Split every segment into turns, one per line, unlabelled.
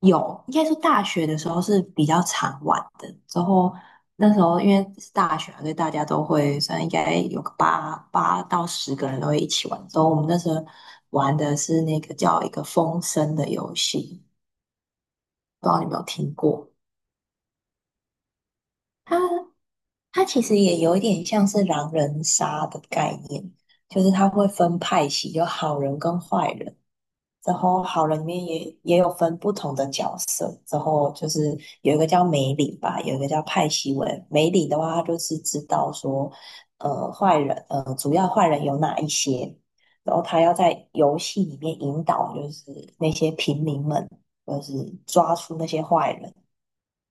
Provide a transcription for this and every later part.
有，应该说大学的时候是比较常玩的。之后那时候因为是大学嘛，所以大家都会，算应该有个八到十个人都会一起玩。之后我们那时候玩的是那个叫一个风声的游戏，不知道你有没有听过？它其实也有一点像是狼人杀的概念，就是它会分派系，有好人跟坏人，然后好人里面也有分不同的角色，然后就是有一个叫梅里吧，有一个叫派西文。梅里的话，他就是知道说，坏人，主要坏人有哪一些，然后他要在游戏里面引导，就是那些平民们，就是抓出那些坏人。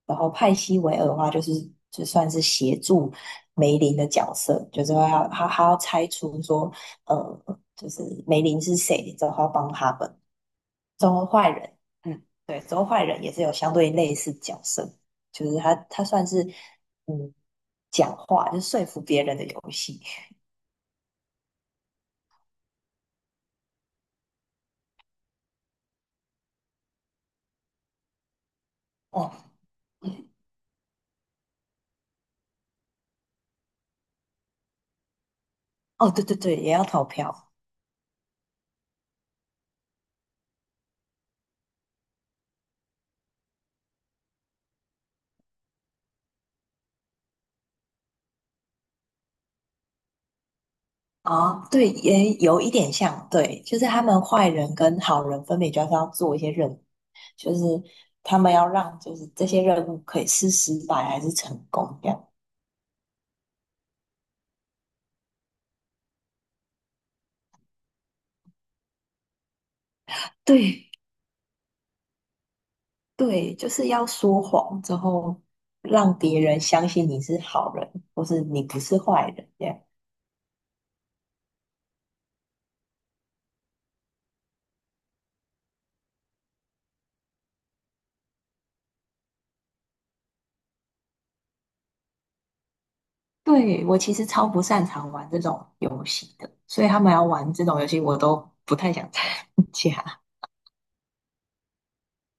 然后派西维尔的话，就是就算是协助梅林的角色，就是说要他要拆出说，呃，就是梅林是谁，之后他要帮他们。周坏人，嗯，对，周坏人也是有相对类似角色，就是他算是嗯讲话，就是说服别人的游戏。哦，嗯，哦，对对对，也要投票。啊，对，也有一点像，对，就是他们坏人跟好人分别就是要做一些任务，就是他们要让就是这些任务可以是失败还是成功这样。对对，就是要说谎之后让别人相信你是好人，或是你不是坏人这样。对，我其实超不擅长玩这种游戏的，所以他们要玩这种游戏我都不太想参加。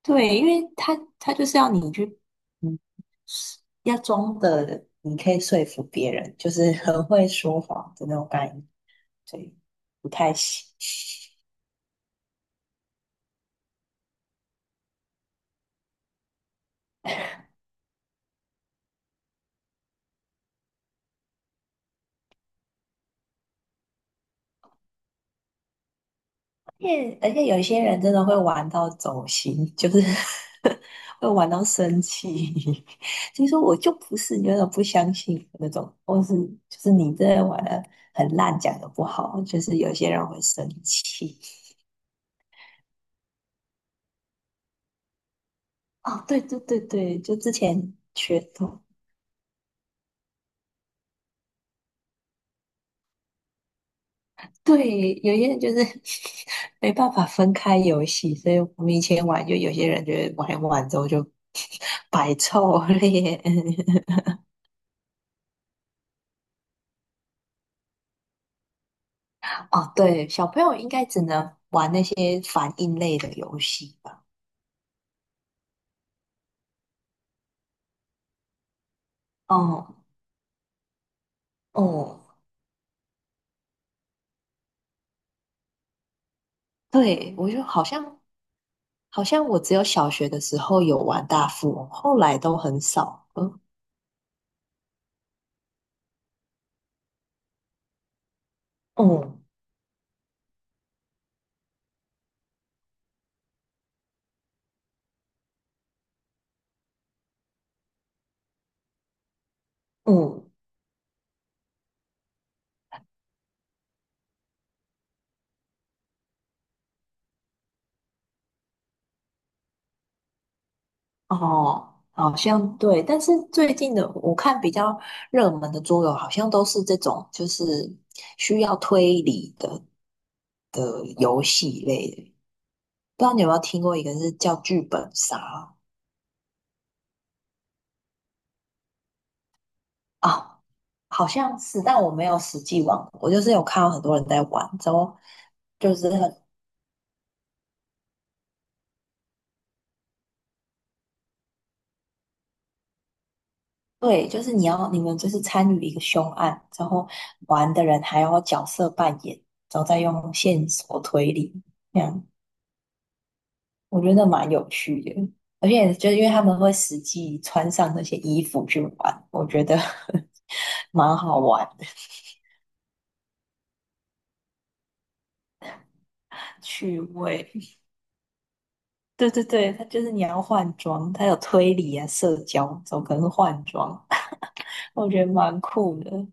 对，因为他就是要你去，嗯，要装的，你可以说服别人，就是很会说谎的那种感觉，所以不太行。而且有一些人真的会玩到走心，就是 会玩到生气，就说我就不是，你为什么不相信那种，或是就是你真的玩的很烂，讲的不好，就是有些人会生气。哦，对对对对，就之前缺。对，有些人就是 没办法分开游戏，所以我们以前玩，就有些人觉得玩一玩之后就 摆臭脸。哦，对，小朋友应该只能玩那些反应类的游戏吧？哦哦，对，我就好像好像我只有小学的时候有玩大富翁，后来都很少了。嗯嗯。哦哦，好像对，但是最近的我看比较热门的桌游，好像都是这种就是需要推理的游戏类的。不知道你有没有听过一个是叫剧本杀啊？好像是，但我没有实际玩过，我就是有看到很多人在玩，之后就是很对，就是你们就是参与一个凶案，之后玩的人还要角色扮演，然后再用线索推理，这样。我觉得蛮有趣的，而且就是因为他们会实际穿上那些衣服去玩，我觉得 蛮好玩的，趣味。对对对，它就是你要换装，它有推理啊、社交，总可能是换装？我觉得蛮酷的。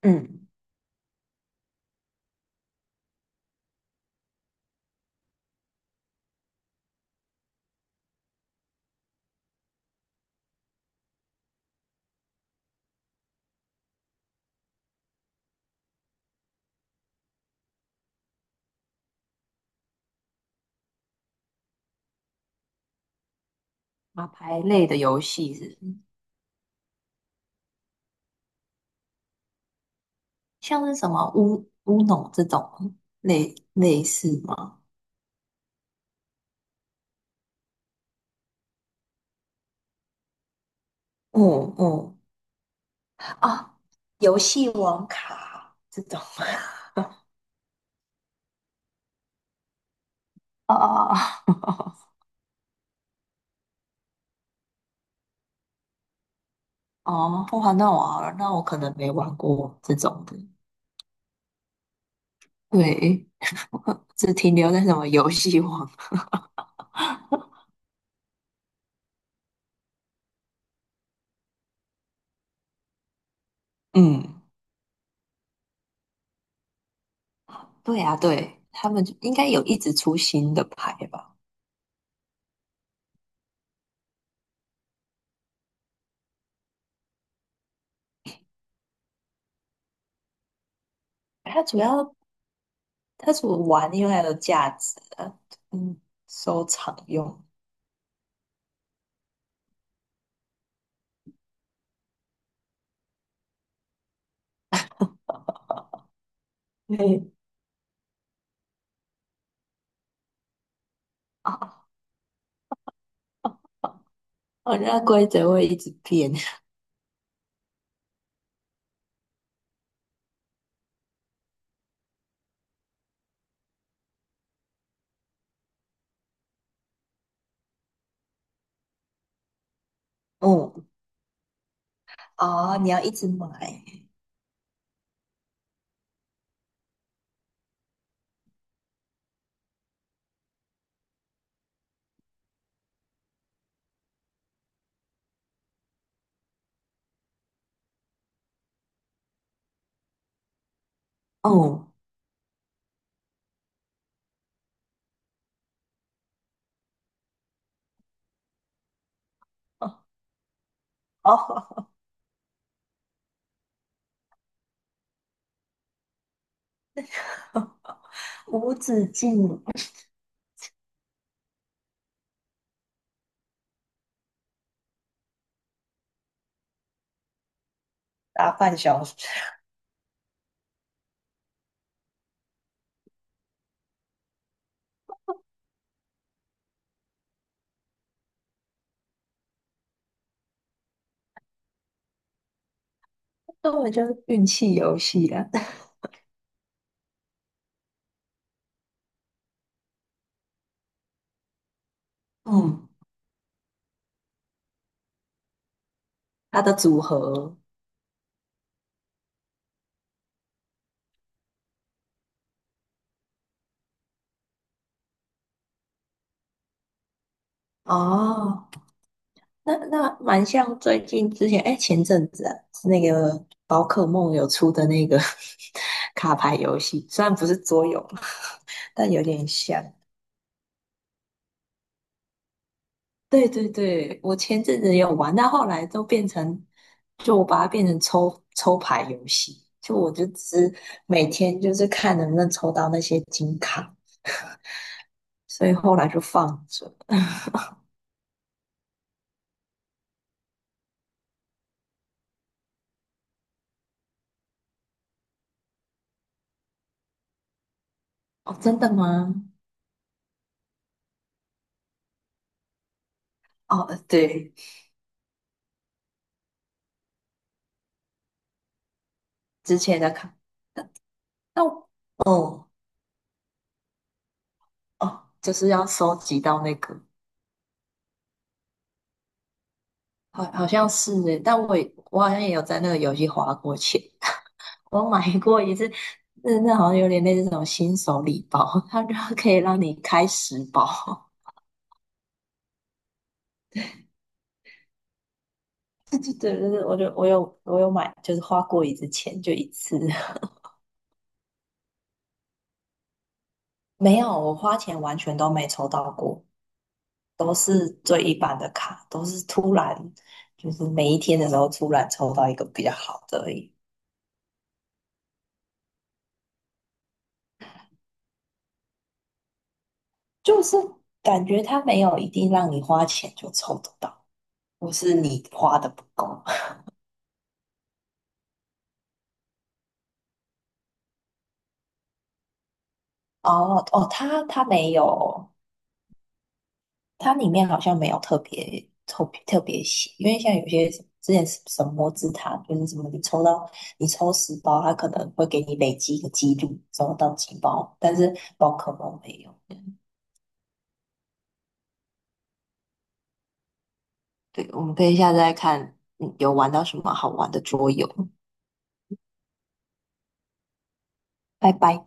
嗯，打牌类的游戏是像是什么乌龙这种类似吗？嗯嗯，啊，游戏王卡这种。哦哦哦，哦，哇，那我可能没玩过这种的，对，我只停留在什么游戏王。嗯，对啊，对，他们就应该有一直出新的牌吧？它主要它除了玩因为它有价值啊，嗯，收藏用。对啊，哦，那规则会一直变。嗯，哦，你要一直买。哦哦，无止境打半小时，那我就是运气游戏啊。嗯。它的组合。哦，那蛮像最近之前，哎，前阵子啊，是那个宝可梦有出的那个 卡牌游戏，虽然不是桌游，但有点像。对对对，我前阵子也有玩，但后来都变成，就我把它变成抽抽牌游戏，就我就只每天就是看能不能抽到那些金卡，所以后来就放着。哦，真的吗？哦，对，之前的卡。那，哦哦，就是要收集到那个，好像是诶，但我好像也有在那个游戏花过钱，我买过一次，那好像有点类似那种新手礼包，它就可以让你开十包。就对，对，对，我有买，就是花过一次钱，就一次。没有，我花钱完全都没抽到过，都是最一般的卡，都是突然就是每一天的时候突然抽到一个比较好的而已。就是感觉它没有一定让你花钱就抽得到，或是你花的不够。哦哦，它没有，它里面好像没有特别特别特别写，因为像有些之前什么摩之塔，就是什么你抽十包，它可能会给你累积一个几率抽到几包，但是宝可梦没有。对，我们可以下次再看，有玩到什么好玩的桌游。拜拜。